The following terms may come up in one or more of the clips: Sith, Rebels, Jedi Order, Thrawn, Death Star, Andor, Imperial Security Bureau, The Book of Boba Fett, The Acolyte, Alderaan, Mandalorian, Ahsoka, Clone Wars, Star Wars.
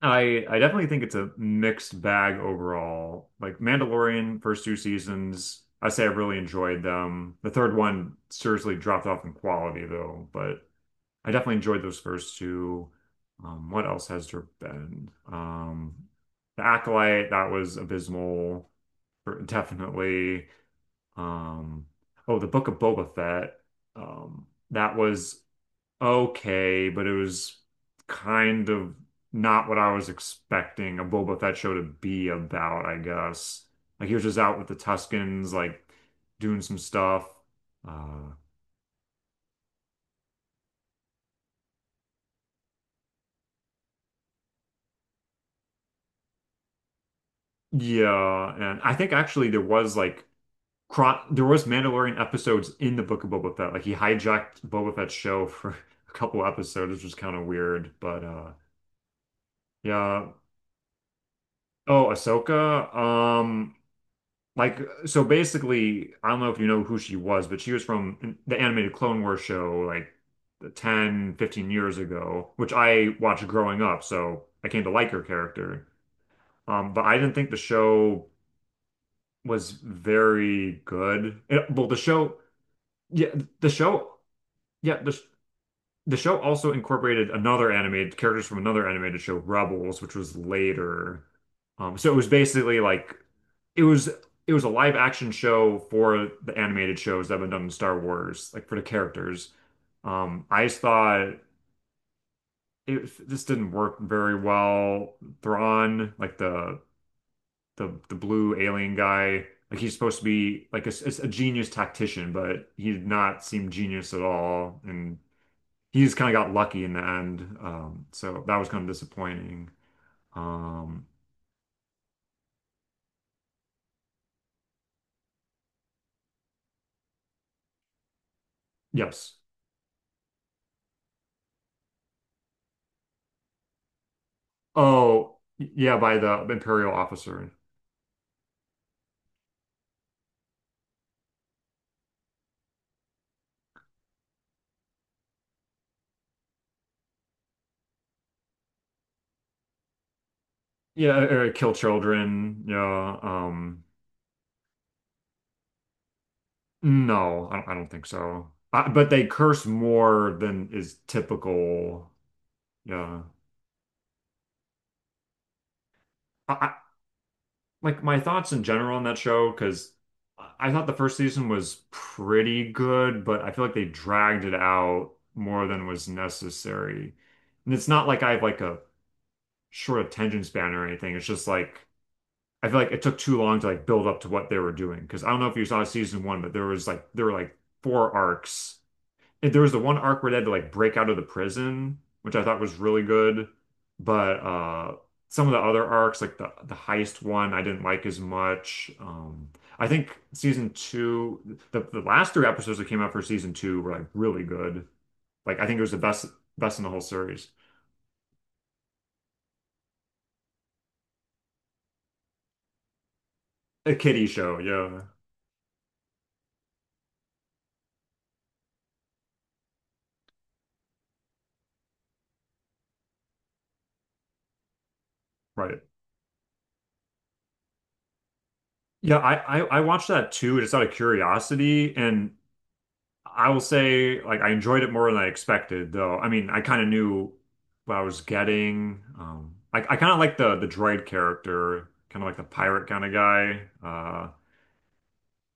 I definitely think it's a mixed bag overall. Like Mandalorian, first two seasons, I say I really enjoyed them. The third one seriously dropped off in quality though, but I definitely enjoyed those first two. What else has there been? The Acolyte, that was abysmal, definitely. Um, oh, The Book of Boba Fett, that was okay, but it was kind of not what I was expecting a Boba Fett show to be about, I guess. Like he was just out with the Tuskens, like doing some stuff. Uh, yeah, and I think actually there was Mandalorian episodes in the Book of Boba Fett. Like he hijacked Boba Fett's show for a couple episodes, which was kind of weird, but yeah. Oh, Ahsoka. Like, so basically, I don't know if you know who she was, but she was from the animated Clone Wars show like 10, 15 years ago, which I watched growing up. So I came to like her character. But I didn't think the show was very good. Well, yeah, the show, yeah, the show also incorporated another animated characters from another animated show, Rebels, which was later. So it was basically like it was it was a live action show for the animated shows that have been done in Star Wars, like for the characters. I just thought it this didn't work very well. Thrawn, like the blue alien guy, like he's supposed to be like a genius tactician, but he did not seem genius at all, and he's kind of got lucky in the end. So that was kind of disappointing. Um, yes. Oh, yeah, by the Imperial officer. Yeah, kill children. Yeah. No, I don't think so. But they curse more than is typical. Yeah. I, I, like my thoughts in general on that show, because I thought the first season was pretty good, but I feel like they dragged it out more than was necessary. And it's not like I have like a short attention span or anything. It's just like I feel like it took too long to like build up to what they were doing. Because I don't know if you saw season one, but there was like there were like four arcs. And there was the one arc where they had to like break out of the prison, which I thought was really good. But some of the other arcs, like the heist one, I didn't like as much. I think season two, the last three episodes that came out for season two were like really good. Like I think it was the best in the whole series. A kiddie show, yeah. Right. Yeah, I watched that too, just out of curiosity, and I will say, like, I enjoyed it more than I expected, though. I mean, I kind of knew what I was getting. I kind of like the droid character, kind of like the pirate kind of guy.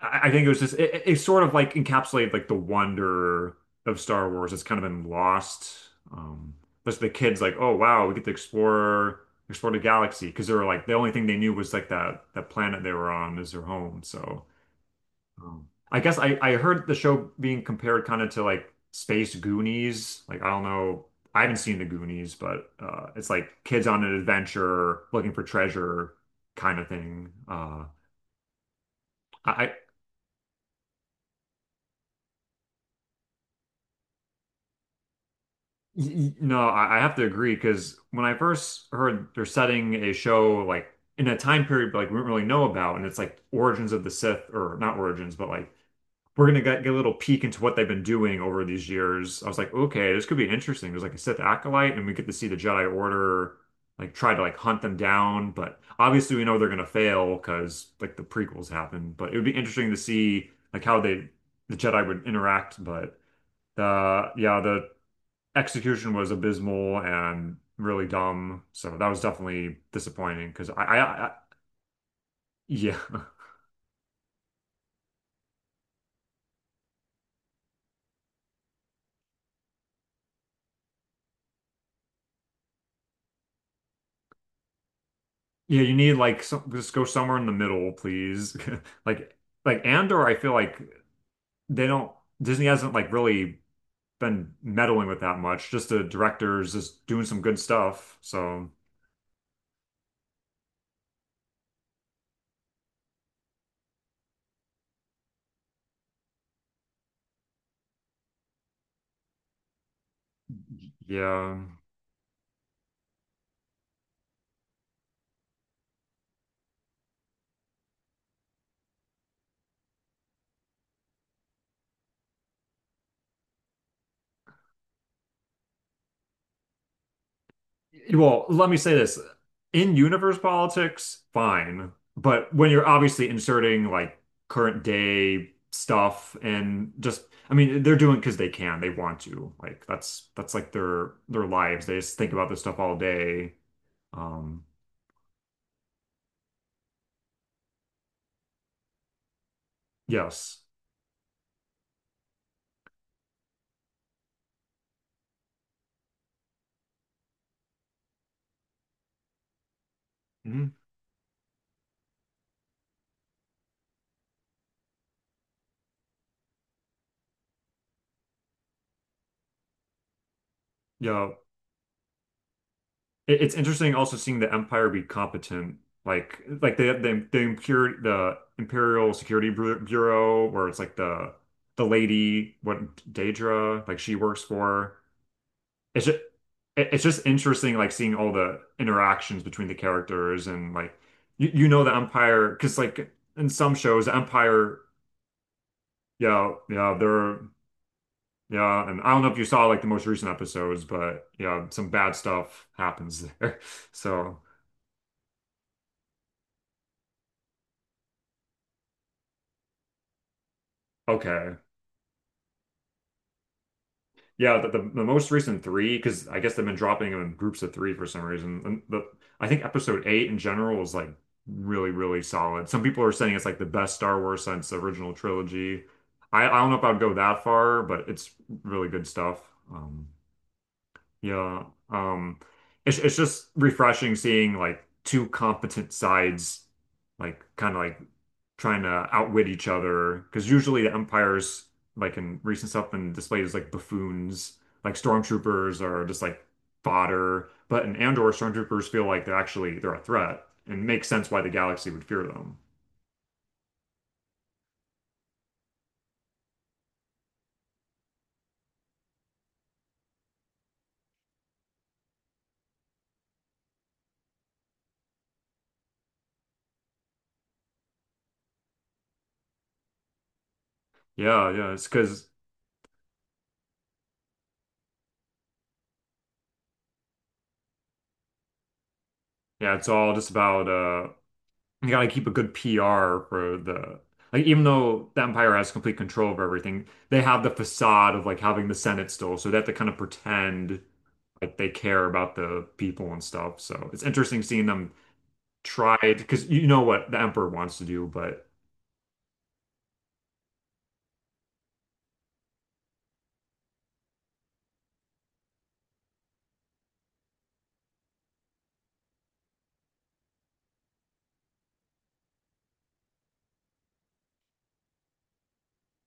I think it was just it sort of like encapsulated like the wonder of Star Wars that's kind of been lost. But the kids like, oh wow, we get to explore the galaxy because they were like the only thing they knew was like that planet they were on is their home, so. I guess I heard the show being compared kind of to like Space Goonies. Like, I don't know. I haven't seen the Goonies, but it's like kids on an adventure looking for treasure kind of thing. I, I no, I have to agree because when I first heard they're setting a show like in a time period like we don't really know about, and it's like origins of the Sith or not origins, but like we're gonna get a little peek into what they've been doing over these years. I was like, okay, this could be interesting. There's like a Sith acolyte, and we get to see the Jedi Order like try to like hunt them down. But obviously, we know they're gonna fail because like the prequels happened. But it would be interesting to see like how they the Jedi would interact. But the yeah, the execution was abysmal and really dumb. So that was definitely disappointing because I yeah. Yeah, you need like some just go somewhere in the middle, please. Like like Andor, I feel like they don't Disney hasn't like really been meddling with that much. Just the directors just doing some good stuff. So yeah. Well, let me say this. In universe politics, fine. But when you're obviously inserting like current day stuff and just I mean, they're doing because they can, they want to. Like that's like their lives. They just think about this stuff all day. Um, yes. Hmm. Yeah. It's interesting also seeing the Empire be competent. Like the Imperial Security Bureau where it's like the lady what Daedra like she works for. It's just it's just interesting like seeing all the interactions between the characters and like you know the Empire because like in some shows the Empire, yeah, yeah, they're... Yeah, and I don't know if you saw like the most recent episodes, but yeah, some bad stuff happens there. So, okay. Yeah, the most recent three, because I guess they've been dropping them in groups of three for some reason. And the I think episode eight in general was like really, really solid. Some people are saying it's like the best Star Wars since the original trilogy. I don't know if I would go that far, but it's really good stuff. Um, Yeah. It's just refreshing seeing like two competent sides like kind of like trying to outwit each other because usually the Empire's like in recent stuff been displayed as like buffoons, like stormtroopers are just like fodder, but in Andor stormtroopers feel like they're actually they're a threat and makes sense why the galaxy would fear them. Yeah, yeah, it's because yeah, it's all just about you gotta keep a good PR for the like even though the Empire has complete control of everything, they have the facade of like having the Senate still, so they have to kind of pretend like they care about the people and stuff. So it's interesting seeing them try because you know what the Emperor wants to do, but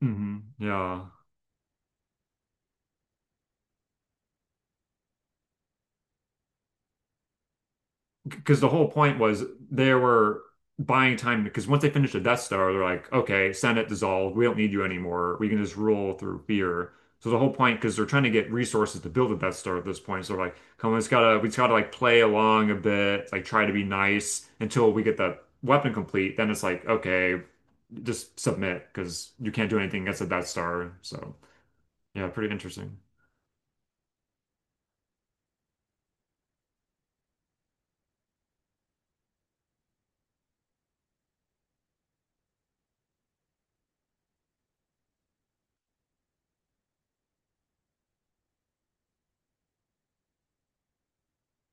Mhm. yeah. Because the whole point was they were buying time because once they finished the Death Star, they're like, okay, Senate dissolved. We don't need you anymore. We can just rule through fear. So the whole point, because they're trying to get resources to build a Death Star at this point, so they're like, come on, we just gotta like play along a bit, like try to be nice until we get the weapon complete. Then it's like, okay, just submit because you can't do anything against the Death Star. So yeah, pretty interesting.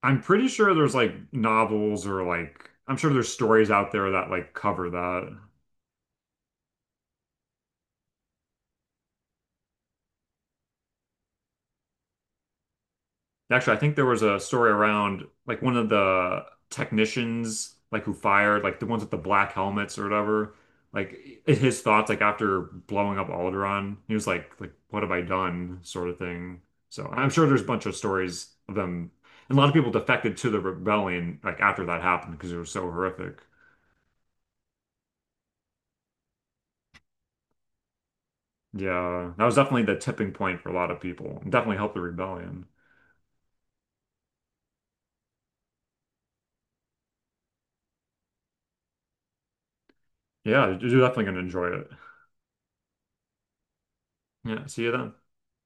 I'm pretty sure there's like novels or like I'm sure there's stories out there that like cover that. Actually, I think there was a story around like one of the technicians like who fired like the ones with the black helmets or whatever. Like his thoughts like after blowing up Alderaan, he was like what have I done sort of thing. So I'm sure there's a bunch of stories of them and a lot of people defected to the rebellion like after that happened because it was so horrific. Yeah, that was definitely the tipping point for a lot of people. Definitely helped the rebellion. Yeah, you're definitely gonna enjoy it. Yeah, see you then.